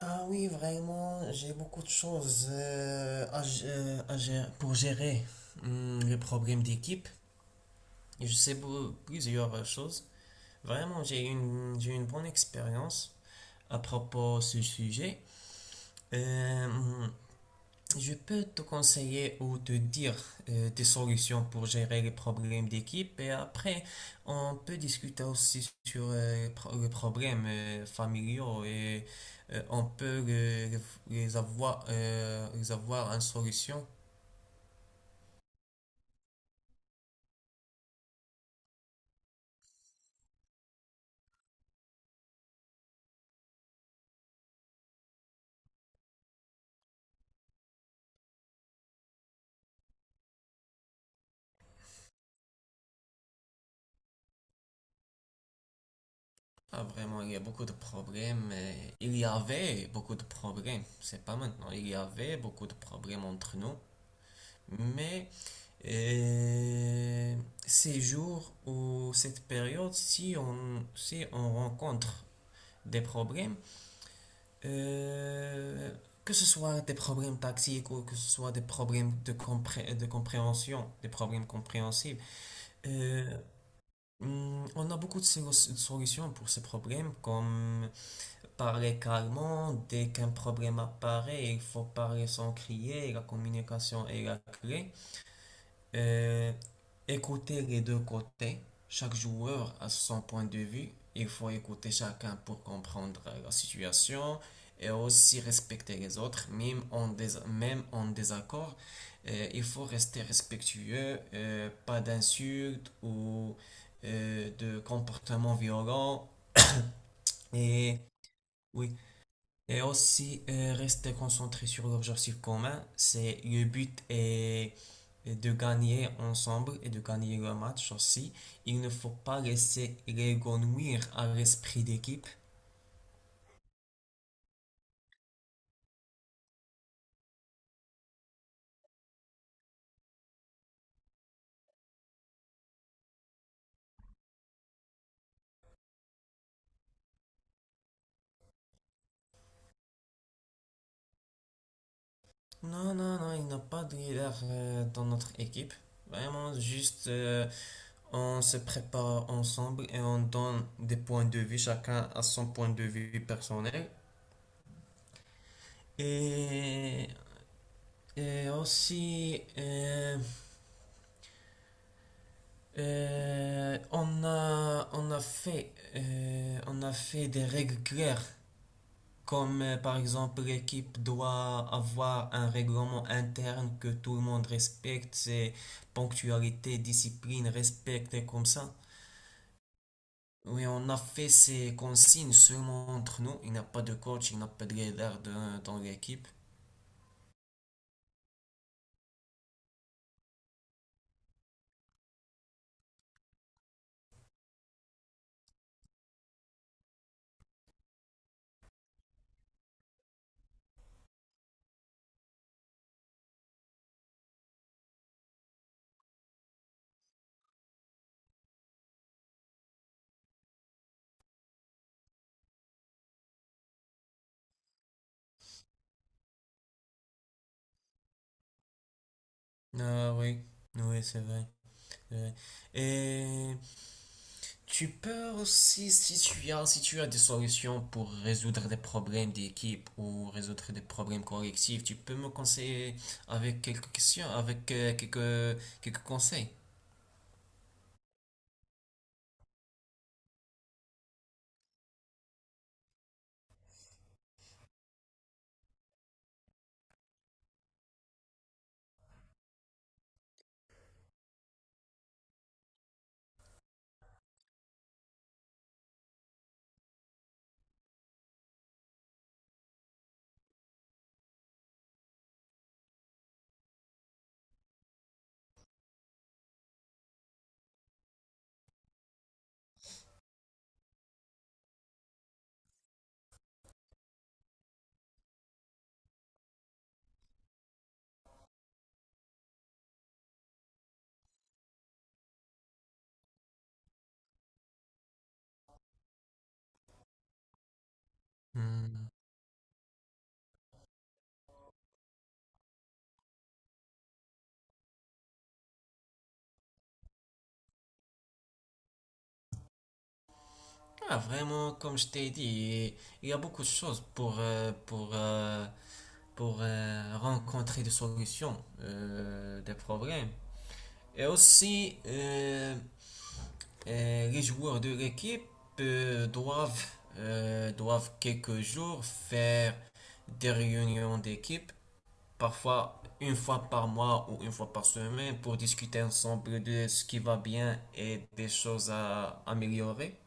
Ah oui, vraiment, j'ai beaucoup de choses pour gérer les problèmes d'équipe. Et je sais plusieurs choses. Vraiment, j'ai une bonne expérience à propos de ce sujet. Euh, hum, je peux te conseiller ou te dire des solutions pour gérer les problèmes d'équipe, et après on peut discuter aussi sur les problèmes familiaux, et euh, on peut les, les avoir en solution. Ah, vraiment, il y a beaucoup de problèmes. Il y avait beaucoup de problèmes, c'est pas maintenant. Il y avait beaucoup de problèmes entre nous, mais Et ces jours ou cette période, si on rencontre des problèmes, euh, que ce soit des problèmes tactiques ou que ce soit des problèmes de compréhension, des problèmes compréhensibles, euh, on a beaucoup de solutions pour ces problèmes, comme parler calmement. Dès qu'un problème apparaît, il faut parler sans crier, la communication est la clé. Euh, Écouter les deux côtés. Chaque joueur a son point de vue. Il faut écouter chacun pour comprendre la situation, et aussi respecter les autres, même en désaccord. Il faut rester respectueux, pas d'insultes ou de comportements violents. Et oui. Et aussi, rester concentré sur l'objectif commun. C'est le but est de gagner ensemble et de gagner le match aussi. Il ne faut pas laisser l'égonouir à l'esprit d'équipe. Non, non, non, il n'y a pas de leader dans notre équipe. Vraiment, juste, on se prépare ensemble et on donne des points de vue, chacun à son point de vue personnel. Et, et aussi, on a, on a fait des règles claires, comme par exemple l'équipe doit avoir un règlement interne que tout le monde respecte, c'est ponctualité, discipline, respect et comme ça. Oui, on a fait ces consignes seulement entre nous. Il n'y a pas de coach, il n'y a pas de leader dans l'équipe. Ah oui, oui, c'est vrai. C'est vrai. Tu peux aussi, si tu as des solutions pour résoudre des problèmes d'équipe ou résoudre des problèmes collectifs, tu peux me conseiller avec quelques questions, avec quelques, quelques conseils. Hmm. Ah, vraiment, comme je t'ai dit, il y a beaucoup de choses pour rencontrer des solutions, des problèmes. Et aussi, les joueurs de l'équipe euh, doivent, doivent quelques jours faire des réunions d'équipe, parfois une fois par mois ou une fois par semaine, pour discuter ensemble de ce qui va bien et des choses à améliorer.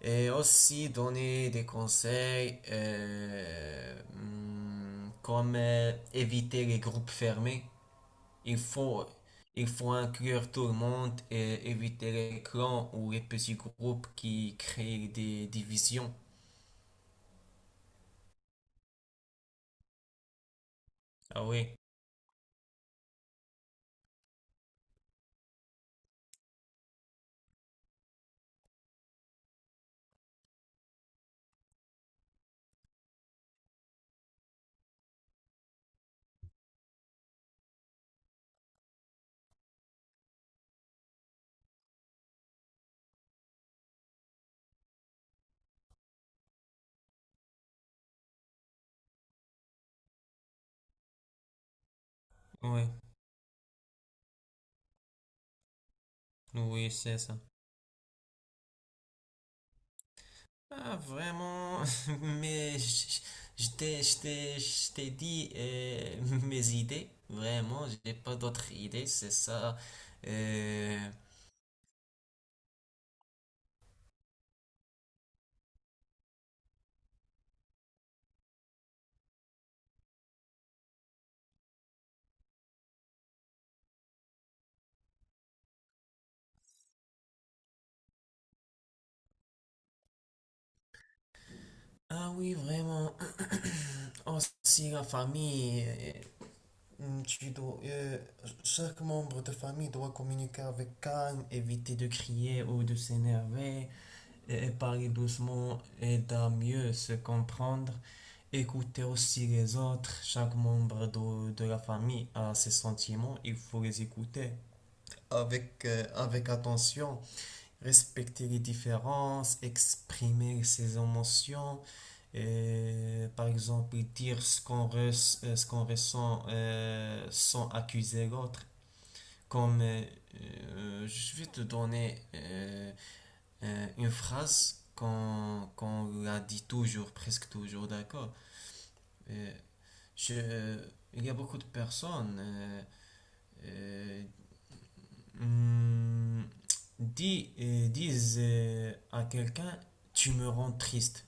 Et aussi donner des conseils comme éviter les groupes fermés. Il faut, il faut inclure tout le monde et éviter les clans ou les petits groupes qui créent des divisions. Ah oui, oui, oui, c'est ça. Ah vraiment, mais je t'ai dit mes idées. Vraiment, j'ai pas d'autres idées, c'est ça. Euh, Ah oui, vraiment. Aussi la famille. Hmm, Tu dois, euh, chaque membre de famille doit communiquer avec calme, éviter de crier ou de s'énerver, et parler doucement aide à mieux se comprendre. Écouter aussi les autres, chaque membre de la famille a ses sentiments, il faut les écouter avec, avec attention, respecter les différences, exprimer ses émotions, et par exemple dire ce qu'on ressent sans accuser l'autre. Comme je vais te donner une phrase qu'on la dit toujours, presque toujours, d'accord? Euh, je, euh, il y a beaucoup de personnes euh, Hum, disent à quelqu'un, tu me rends triste.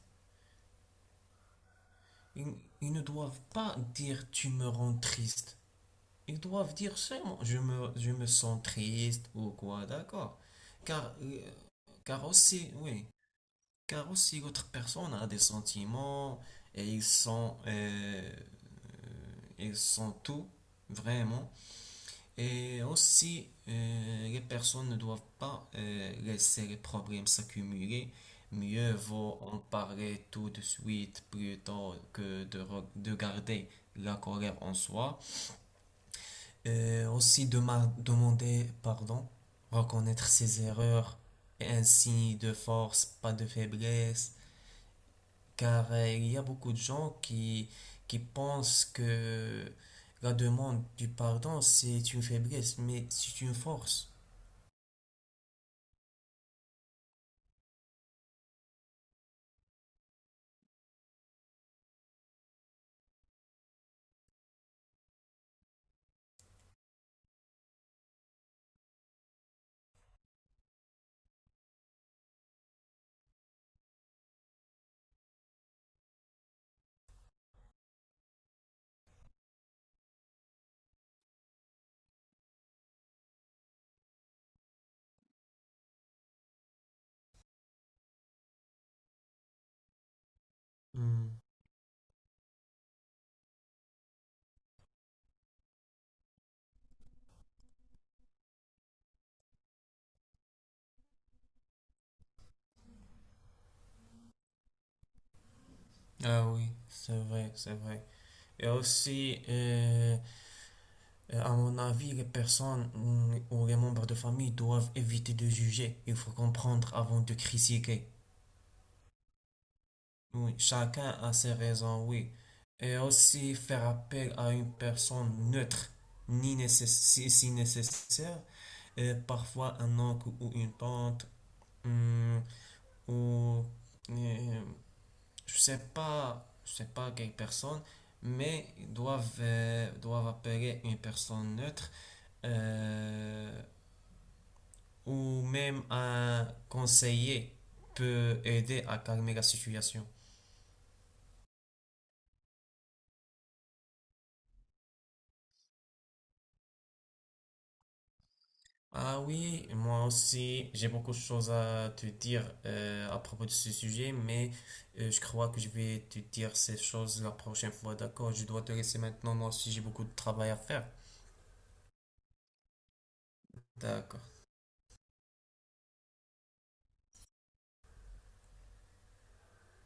Ils, ils ne doivent pas dire, tu me rends triste. Ils doivent dire seulement, je me sens triste ou quoi, d'accord. Car, euh, car aussi, oui, car aussi l'autre personne a des sentiments et ils sont tout, vraiment. Et aussi, les personnes ne doivent pas laisser les problèmes s'accumuler. Mieux vaut en parler tout de suite plutôt que de garder la colère en soi. Aussi, de demander pardon, reconnaître ses erreurs, et ainsi de force, pas de faiblesse. Car il y a beaucoup de gens qui pensent que la demande du pardon, c'est une faiblesse, mais c'est une force. Hmm. Ah oui, c'est vrai, c'est vrai. Et aussi, à mon avis, les personnes ou les membres de famille doivent éviter de juger. Il faut comprendre avant de critiquer. Oui, chacun a ses raisons, oui. Et aussi, faire appel à une personne neutre, ni nécess- si nécessaire, parfois un oncle ou une tante, mm, ou, euh, je sais pas quelle personne, mais doivent appeler une personne neutre euh, ou même un conseiller peut aider à calmer la situation. Ah oui, moi aussi, j'ai beaucoup de choses à te dire à propos de ce sujet, mais je crois que je vais te dire ces choses la prochaine fois, d'accord? Je dois te laisser maintenant, moi aussi j'ai beaucoup de travail à faire. D'accord.